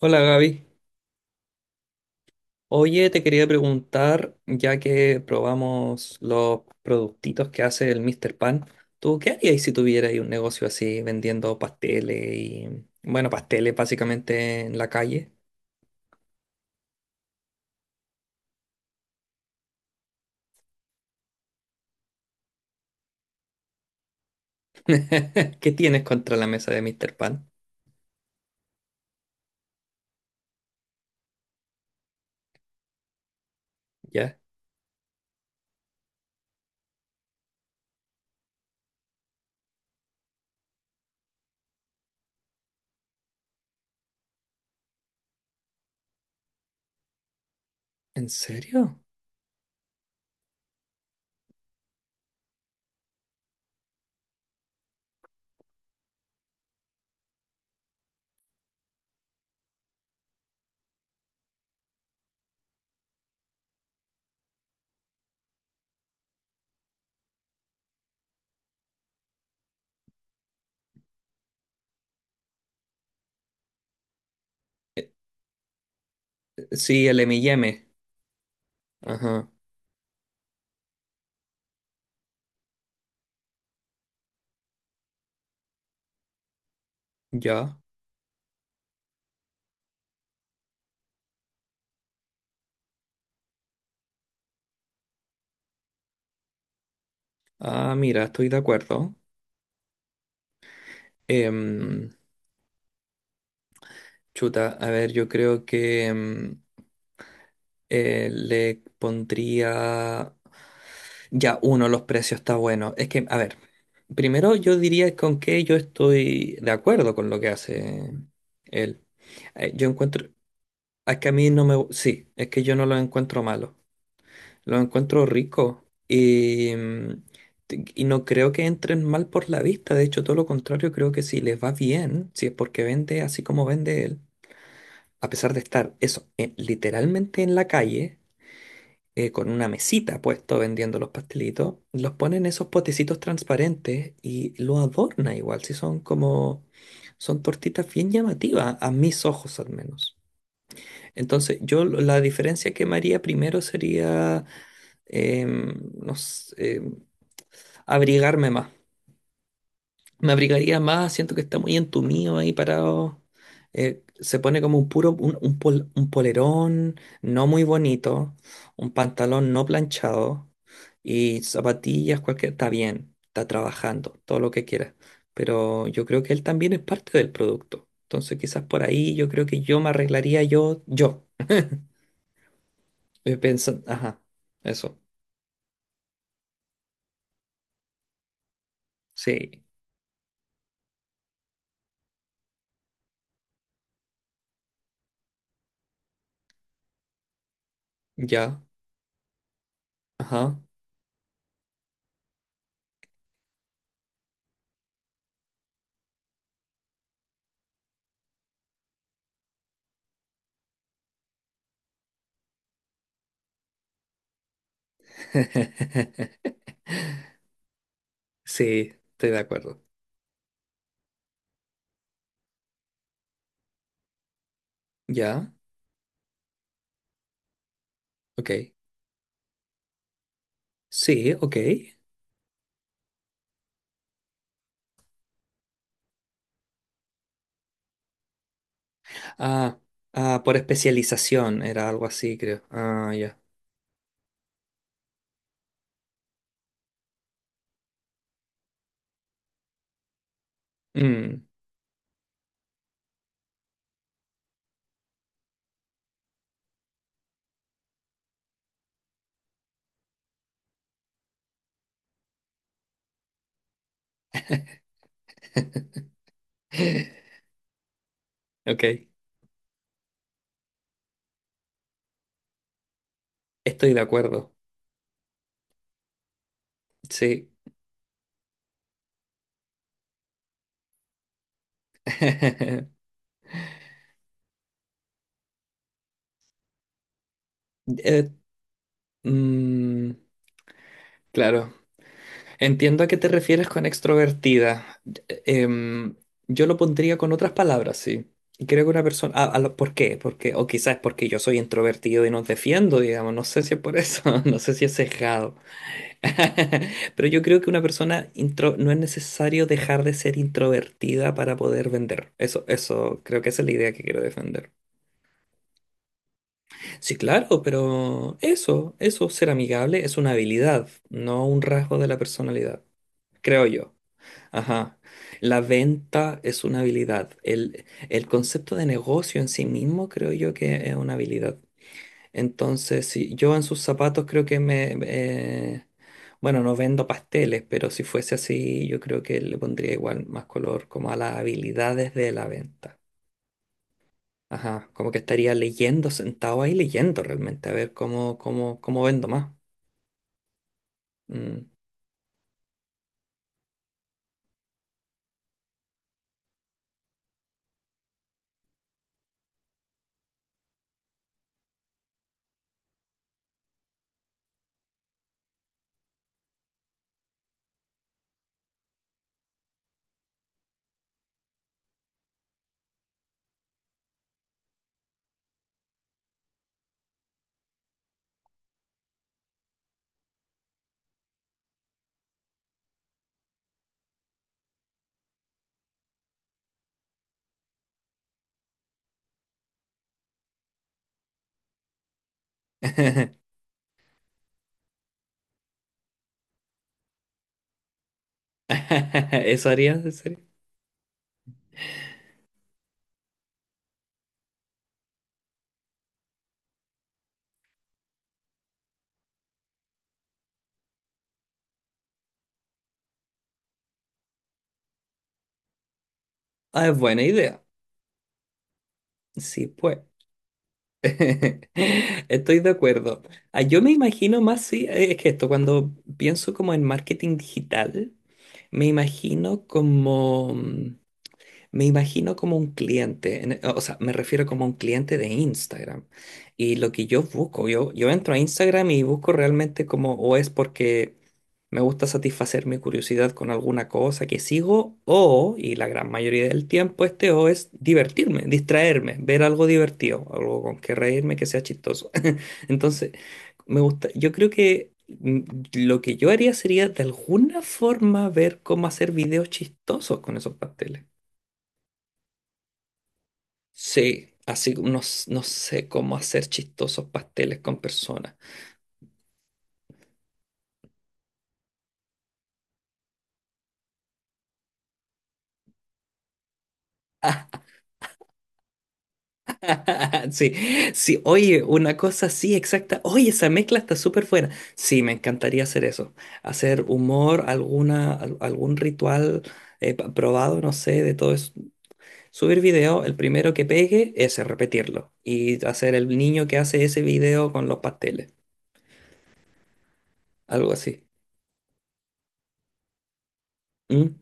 Hola Gaby. Oye, te quería preguntar, ya que probamos los productitos que hace el Mr. Pan, ¿tú qué harías si tuvieras ahí un negocio así vendiendo pasteles y, bueno, pasteles básicamente en la calle? ¿Qué tienes contra la mesa de Mr. Pan? ¿Ya? ¿En serio? Eh, Sí, el M&M. Ajá, ya. Ah, mira, estoy de acuerdo. Em, Chuta, a ver, yo creo que le pondría... Ya, uno, los precios está bueno. Es que, a ver, primero yo diría con que yo estoy de acuerdo con lo que hace él. Yo encuentro, es que a mí no me, sí, es que yo no lo encuentro malo. Lo encuentro rico y, y no creo que entren mal por la vista. De hecho, todo lo contrario, creo que si les va bien, si es porque vende así como vende él, a pesar de estar eso, literalmente en la calle con una mesita puesto vendiendo los pastelitos, los pone en esos potecitos transparentes y lo adorna igual, si son como, son tortitas bien llamativas, a mis ojos al menos. Entonces, la diferencia que me haría primero sería, no sé, abrigarme más. Me abrigaría más, siento que está muy entumido ahí parado. Se pone como un puro, un, un polerón no muy bonito, un pantalón no planchado y zapatillas, cualquier, está bien, está trabajando, todo lo que quiera. Pero yo creo que él también es parte del producto. Entonces quizás por ahí yo creo que yo me arreglaría yo, pensando, ajá, eso, sí, ya, ajá. Sí, estoy de acuerdo. Ya, ok. Sí, ok. Ah, ah, por especialización era algo así, creo. Ah, ya. Mm. Ok, estoy de acuerdo. Sí. Eh, mm, claro, entiendo a qué te refieres con extrovertida. Eh, Em, yo lo pondría con otras palabras, sí. Y creo que una persona... ah, ¿por qué? Porque, o quizás es porque yo soy introvertido y nos defiendo, digamos. No sé si es por eso, no sé si es sesgado. Pero yo creo que una persona intro no es necesario dejar de ser introvertida para poder vender. Eso, creo que esa es la idea que quiero defender. Sí, claro, pero eso, ser amigable es una habilidad, no un rasgo de la personalidad, creo yo. Ajá. La venta es una habilidad. El concepto de negocio en sí mismo creo yo que es una habilidad. Entonces, si yo en sus zapatos creo que me... bueno, no vendo pasteles, pero si fuese así, yo creo que le pondría igual más color como a las habilidades de la venta. Ajá, como que estaría leyendo, sentado ahí leyendo realmente, a ver cómo, cómo, cómo vendo más. Mm. ¿Eso harías, en serio? Ah, es buena idea. Sí, pues. Estoy de acuerdo. Ah, yo me imagino más, sí, es que esto, cuando pienso como en marketing digital. Me imagino como me imagino como un cliente, o sea, me refiero como un cliente de Instagram. Y lo que yo busco, yo entro a Instagram y busco realmente como, o es porque me gusta satisfacer mi curiosidad con alguna cosa que sigo, o, y la gran mayoría del tiempo, este o es divertirme, distraerme, ver algo divertido, algo con que reírme que sea chistoso. Entonces, me gusta, yo creo que lo que yo haría sería de alguna forma ver cómo hacer videos chistosos con esos pasteles. Sí, así como no, no sé cómo hacer chistosos pasteles con personas. Sí, sí, oye, una cosa así exacta. Oye, esa mezcla está súper buena. Sí, me encantaría hacer eso. Hacer humor, alguna, algún ritual probado, no sé, de todo eso. Subir video, el primero que pegue, ese, repetirlo. Y hacer el niño que hace ese video con los pasteles. Algo así. ¿Mm?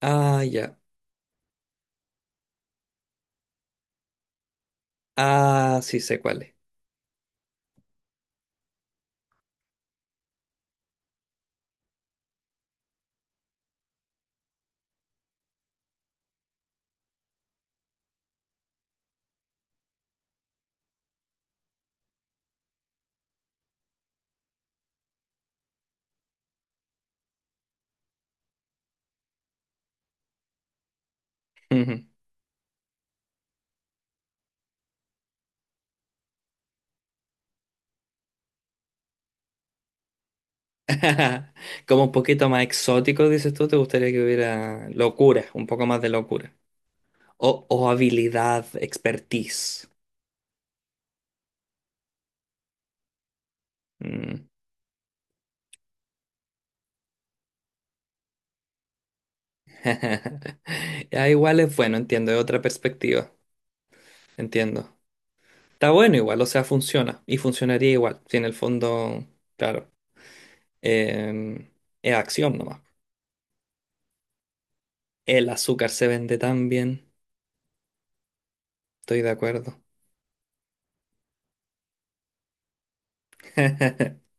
Ah, ya. Ah, sí sé cuál es. Como un poquito más exótico, dices tú, te gustaría que hubiera locura, un poco más de locura. O habilidad, expertise. Mm. Ya, igual es bueno, entiendo, es otra perspectiva, entiendo. Está bueno igual, o sea, funciona y funcionaría igual. Si en el fondo, claro, em, es acción nomás. El azúcar se vende tan bien, estoy de acuerdo.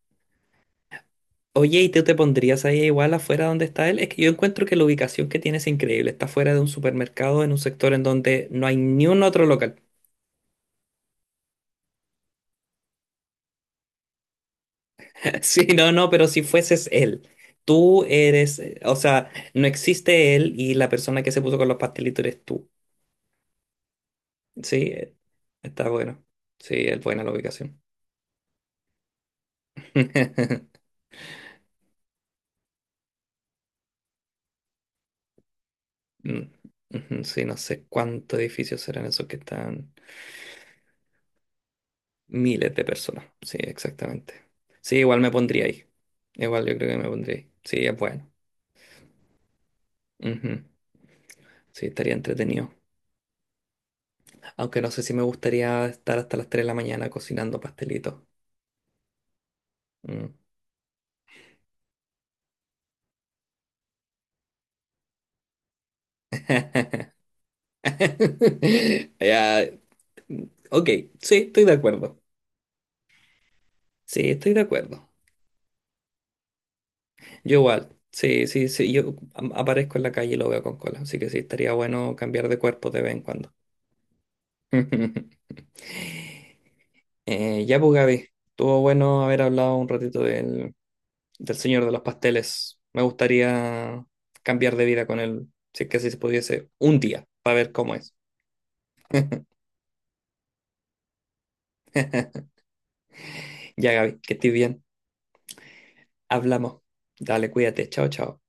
Oye, ¿y tú te pondrías ahí igual afuera donde está él? Es que yo encuentro que la ubicación que tiene es increíble. Está fuera de un supermercado en un sector en donde no hay ni un otro local. Sí, no, no, pero si fueses él, tú eres, o sea, no existe él y la persona que se puso con los pastelitos eres tú. Sí, está bueno. Sí, es buena la ubicación. Mm, ujú, sí, no sé cuántos edificios serán esos que están. Miles de personas. Sí, exactamente. Sí, igual me pondría ahí. Igual yo creo que me pondría ahí. Sí, es bueno. Ujú. Sí, estaría entretenido. Aunque no sé si me gustaría estar hasta las 3 de la mañana cocinando pastelitos. Mm. Ya, ok, sí, estoy de acuerdo. Sí, estoy de acuerdo. Yo igual. Sí, sí, sí. Aparezco en la calle y lo veo con cola. Así que sí, estaría bueno cambiar de cuerpo de vez en cuando. Ya, pues Gaby, estuvo bueno haber hablado un ratito del, del señor de los pasteles. Me gustaría cambiar de vida con él, si es que así se pudiese, un día, para ver cómo es. Ya, Gaby, que estés bien. Hablamos. Dale, cuídate. Chao, chao.